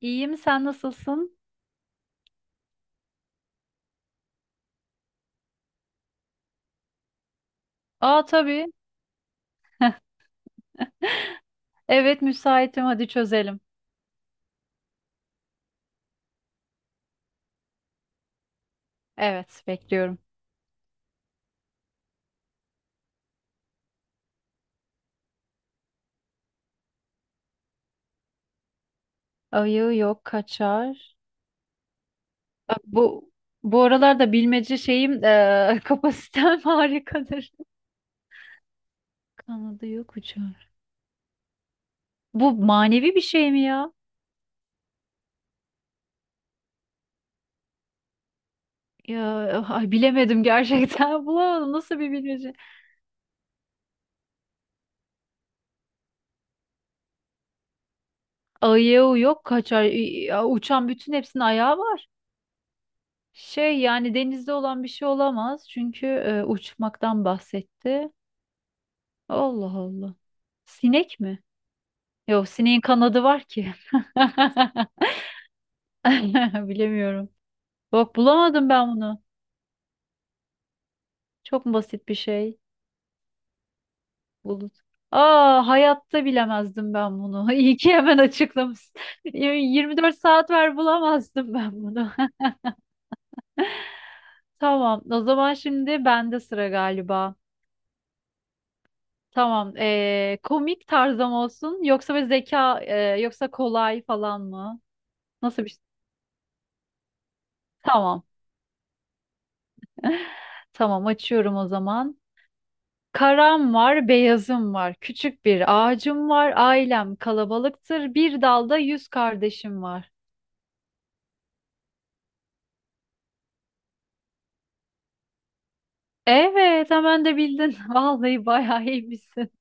İyiyim, sen nasılsın? Aa, tabii. Evet, müsaitim. Hadi çözelim. Evet, bekliyorum. Ayı yok kaçar. Bak, bu aralarda bilmece şeyim, kapasitem harikadır. Kanadı yok uçar. Bu manevi bir şey mi ya? Ya, ay, bilemedim gerçekten. Bulamadım. Nasıl bir bilmece? Ayağı yok kaçar. Ya, uçan bütün hepsinin ayağı var. Şey, yani denizde olan bir şey olamaz. Çünkü uçmaktan bahsetti. Allah Allah. Sinek mi? Yok, sineğin kanadı var ki. Bilemiyorum. Bak, bulamadım ben bunu. Çok basit bir şey. Bulut. Aa, hayatta bilemezdim ben bunu. İyi ki hemen açıklamışsın. 24 saat ver, bulamazdım ben bunu. Tamam. O zaman şimdi bende sıra galiba. Tamam. Komik tarzım olsun. Yoksa bir zeka, yoksa kolay falan mı? Nasıl bir şey? Tamam. Tamam, açıyorum o zaman. Karam var, beyazım var. Küçük bir ağacım var. Ailem kalabalıktır. Bir dalda yüz kardeşim var. Evet, hemen de bildin. Vallahi bayağı iyiymişsin.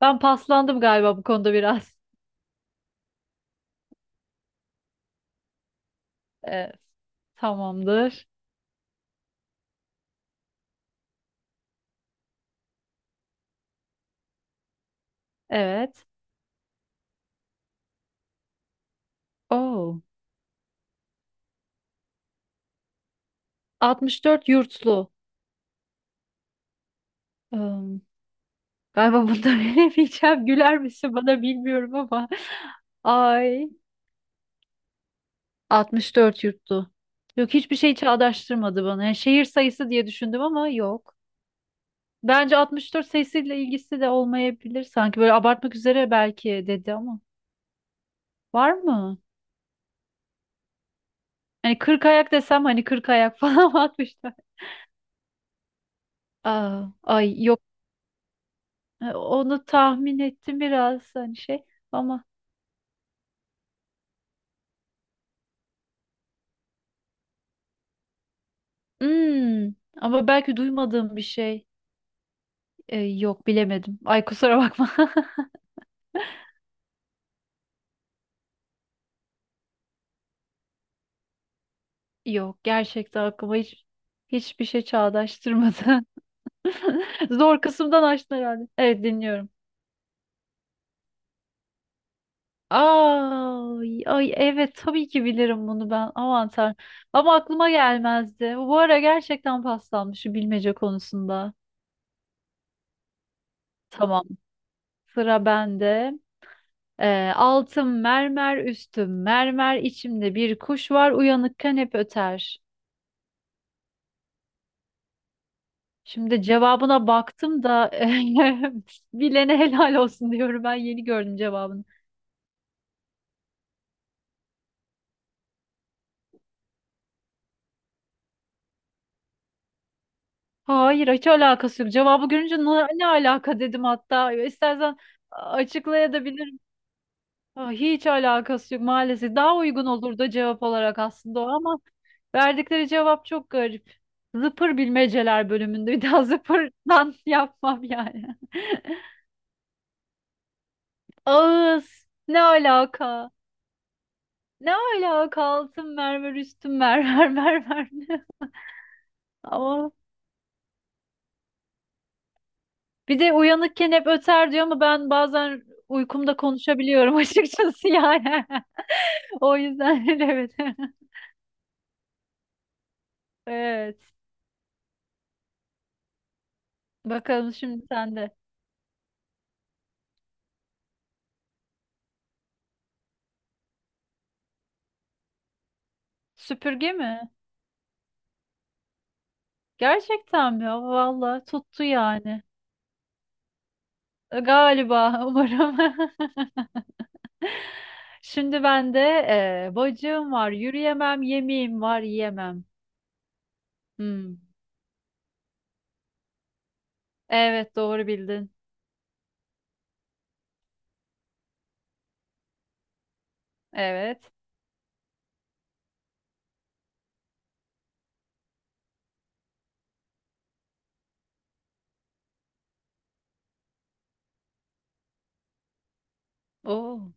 Ben paslandım galiba bu konuda biraz. Ee, Tamamdır. Evet. Oo. 64 yurtlu. Im, Galiba bunları bilemeyeceğim. Güler misin bana bilmiyorum ama. Ay. 64 yuttu. Yok, hiçbir şey çağdaştırmadı bana. Yani şehir sayısı diye düşündüm ama yok. Bence 64 sayısıyla ilgisi de olmayabilir sanki. Böyle abartmak üzere belki dedi ama. Var mı? Hani 40 ayak desem, hani 40 ayak falan mı atmışlar? Aa, ay yok. E, onu tahmin ettim biraz, hani şey ama Hmm, ama belki duymadığım bir şey. E, yok bilemedim. Ay kusura bakma. Yok, gerçekten aklıma hiçbir şey çağdaştırmadı. Zor kısımdan açtın herhalde. Evet, dinliyorum. Ay, ay evet tabii ki bilirim bunu ben. Aman Tanrım. Ama aklıma gelmezdi. Bu ara gerçekten paslanmış şu bilmece konusunda. Tamam. Sıra bende. Altım mermer, üstüm mermer, içimde bir kuş var, uyanıkken hep öter. Şimdi cevabına baktım da bilene helal olsun diyorum. Ben yeni gördüm cevabını. Hayır, hiç alakası yok. Cevabı görünce ne alaka dedim hatta. İstersen açıklayabilirim. Aa, hiç alakası yok maalesef. Daha uygun olurdu cevap olarak aslında o ama verdikleri cevap çok garip. Zıpır bilmeceler bölümünde. Bir daha zıpırdan yapmam yani. Ağız. Ne alaka? Ne alaka, altın mermer, üstün mermer mermer. Bir de uyanıkken hep öter diyor ama ben bazen uykumda konuşabiliyorum açıkçası yani. O yüzden evet. Evet. Bakalım, şimdi sende. Süpürge mi? Gerçekten mi? Vallahi tuttu yani. Galiba umarım. Şimdi bende, bacağım var, yürüyemem, yemeğim var, yiyemem. Hmm. Evet, doğru bildin. Evet. Oo.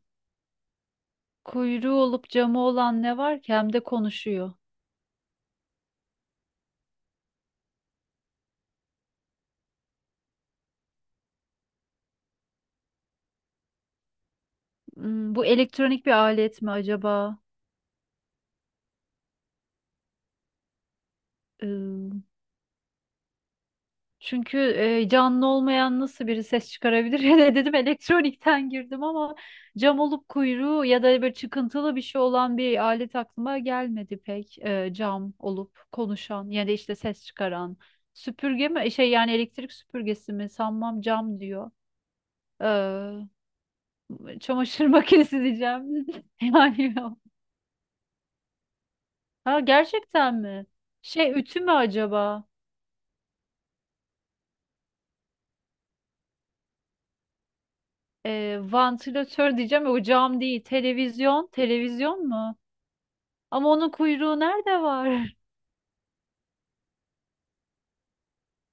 Kuyruğu olup camı olan ne var ki hem de konuşuyor. Hmm, bu elektronik bir alet mi acaba? Ee, Çünkü canlı olmayan nasıl biri ses çıkarabilir? Ya, dedim elektronikten girdim ama cam olup kuyruğu ya da böyle çıkıntılı bir şey olan bir alet aklıma gelmedi pek. Cam olup konuşan ya da işte ses çıkaran. Süpürge mi? Şey, yani elektrik süpürgesi mi? Sanmam, cam diyor. Ee, Çamaşır makinesi diyeceğim. Yani o. Ha gerçekten mi? Şey, ütü mü acaba? E, vantilatör diyeceğim. O cam değil. Televizyon. Televizyon mu? Ama onun kuyruğu nerede var?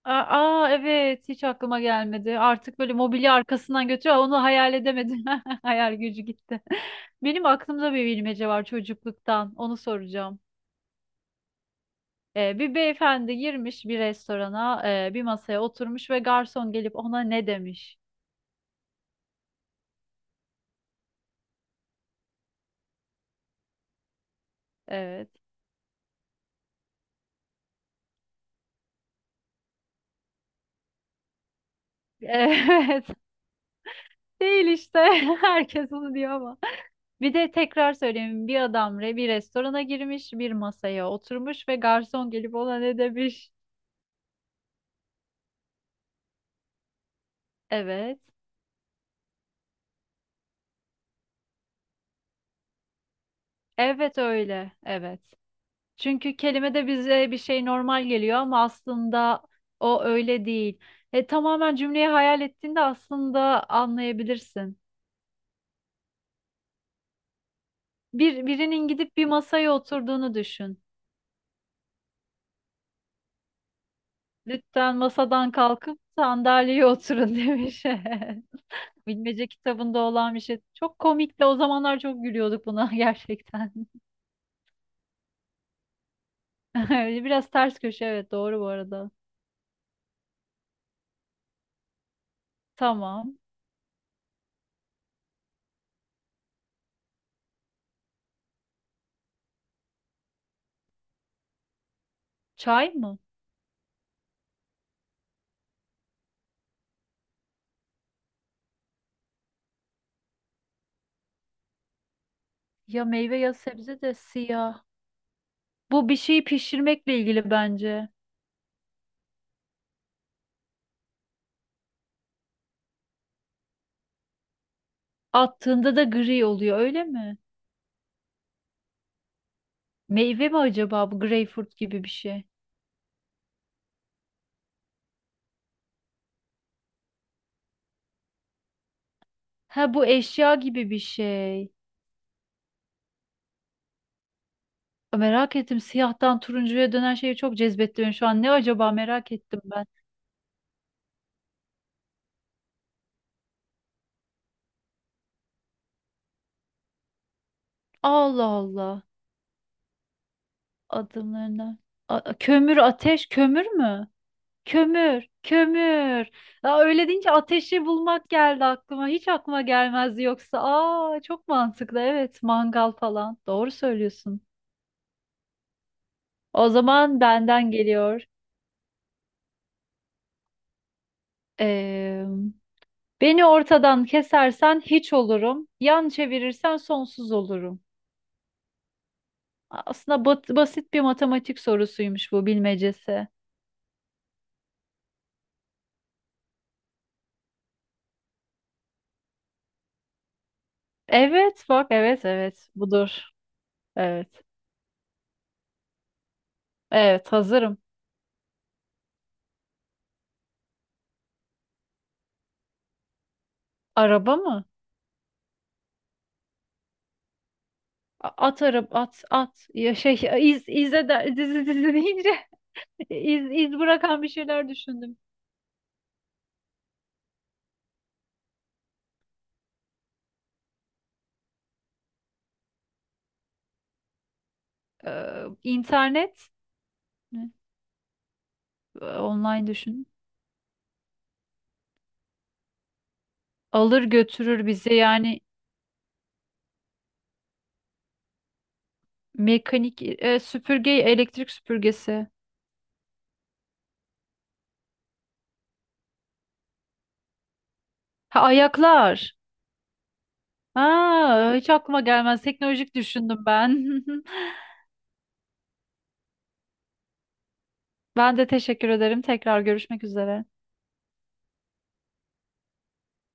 Aa, aa, evet hiç aklıma gelmedi. Artık böyle mobilya arkasından götürüyor. Onu hayal edemedim. Hayal gücü gitti. Benim aklımda bir bilmece var çocukluktan. Onu soracağım. Bir beyefendi girmiş bir restorana, bir masaya oturmuş ve garson gelip ona ne demiş? Evet. Evet. Değil işte. Herkes onu diyor ama. Bir de tekrar söyleyeyim, bir adam bir restorana girmiş, bir masaya oturmuş ve garson gelip ona ne demiş? Evet. Evet öyle. Evet. Çünkü kelime de bize bir şey normal geliyor ama aslında o öyle değil. E, tamamen cümleyi hayal ettiğinde aslında anlayabilirsin. Birinin gidip bir masaya oturduğunu düşün. Lütfen masadan kalkıp sandalyeye oturun demiş. Evet. Bilmece kitabında olan bir şey. Çok komikti. O zamanlar çok gülüyorduk buna gerçekten. Biraz ters köşe evet, doğru bu arada. Tamam. Çay mı? Ya meyve ya sebze de siyah. Bu bir şeyi pişirmekle ilgili bence. Attığında da gri oluyor, öyle mi? Meyve mi acaba bu, greyfurt gibi bir şey? Ha, bu eşya gibi bir şey. Merak ettim, siyahtan turuncuya dönen şeyi çok cezbetti beni şu an. Ne acaba, merak ettim ben. Allah Allah. Adımlarına. Kömür, ateş, kömür mü? Kömür, kömür. Ya öyle deyince ateşi bulmak geldi aklıma. Hiç aklıma gelmezdi yoksa. Aa, çok mantıklı. Evet, mangal falan. Doğru söylüyorsun. O zaman benden geliyor. Ee, Beni ortadan kesersen hiç olurum. Yan çevirirsen sonsuz olurum. Aslında basit bir matematik sorusuymuş bu bilmecesi. Evet, bak, evet evet, budur. Evet. Evet, hazırım. Araba mı? A- At araba at at ya şey, iz izle, dizi dizi deyince iz bırakan bir şeyler düşündüm. Ee, internet ne? Online düşün. Alır götürür bizi, yani mekanik, süpürge, elektrik süpürgesi. Ha, ayaklar. Ha, hiç aklıma gelmez. Teknolojik düşündüm ben. Ben de teşekkür ederim. Tekrar görüşmek üzere.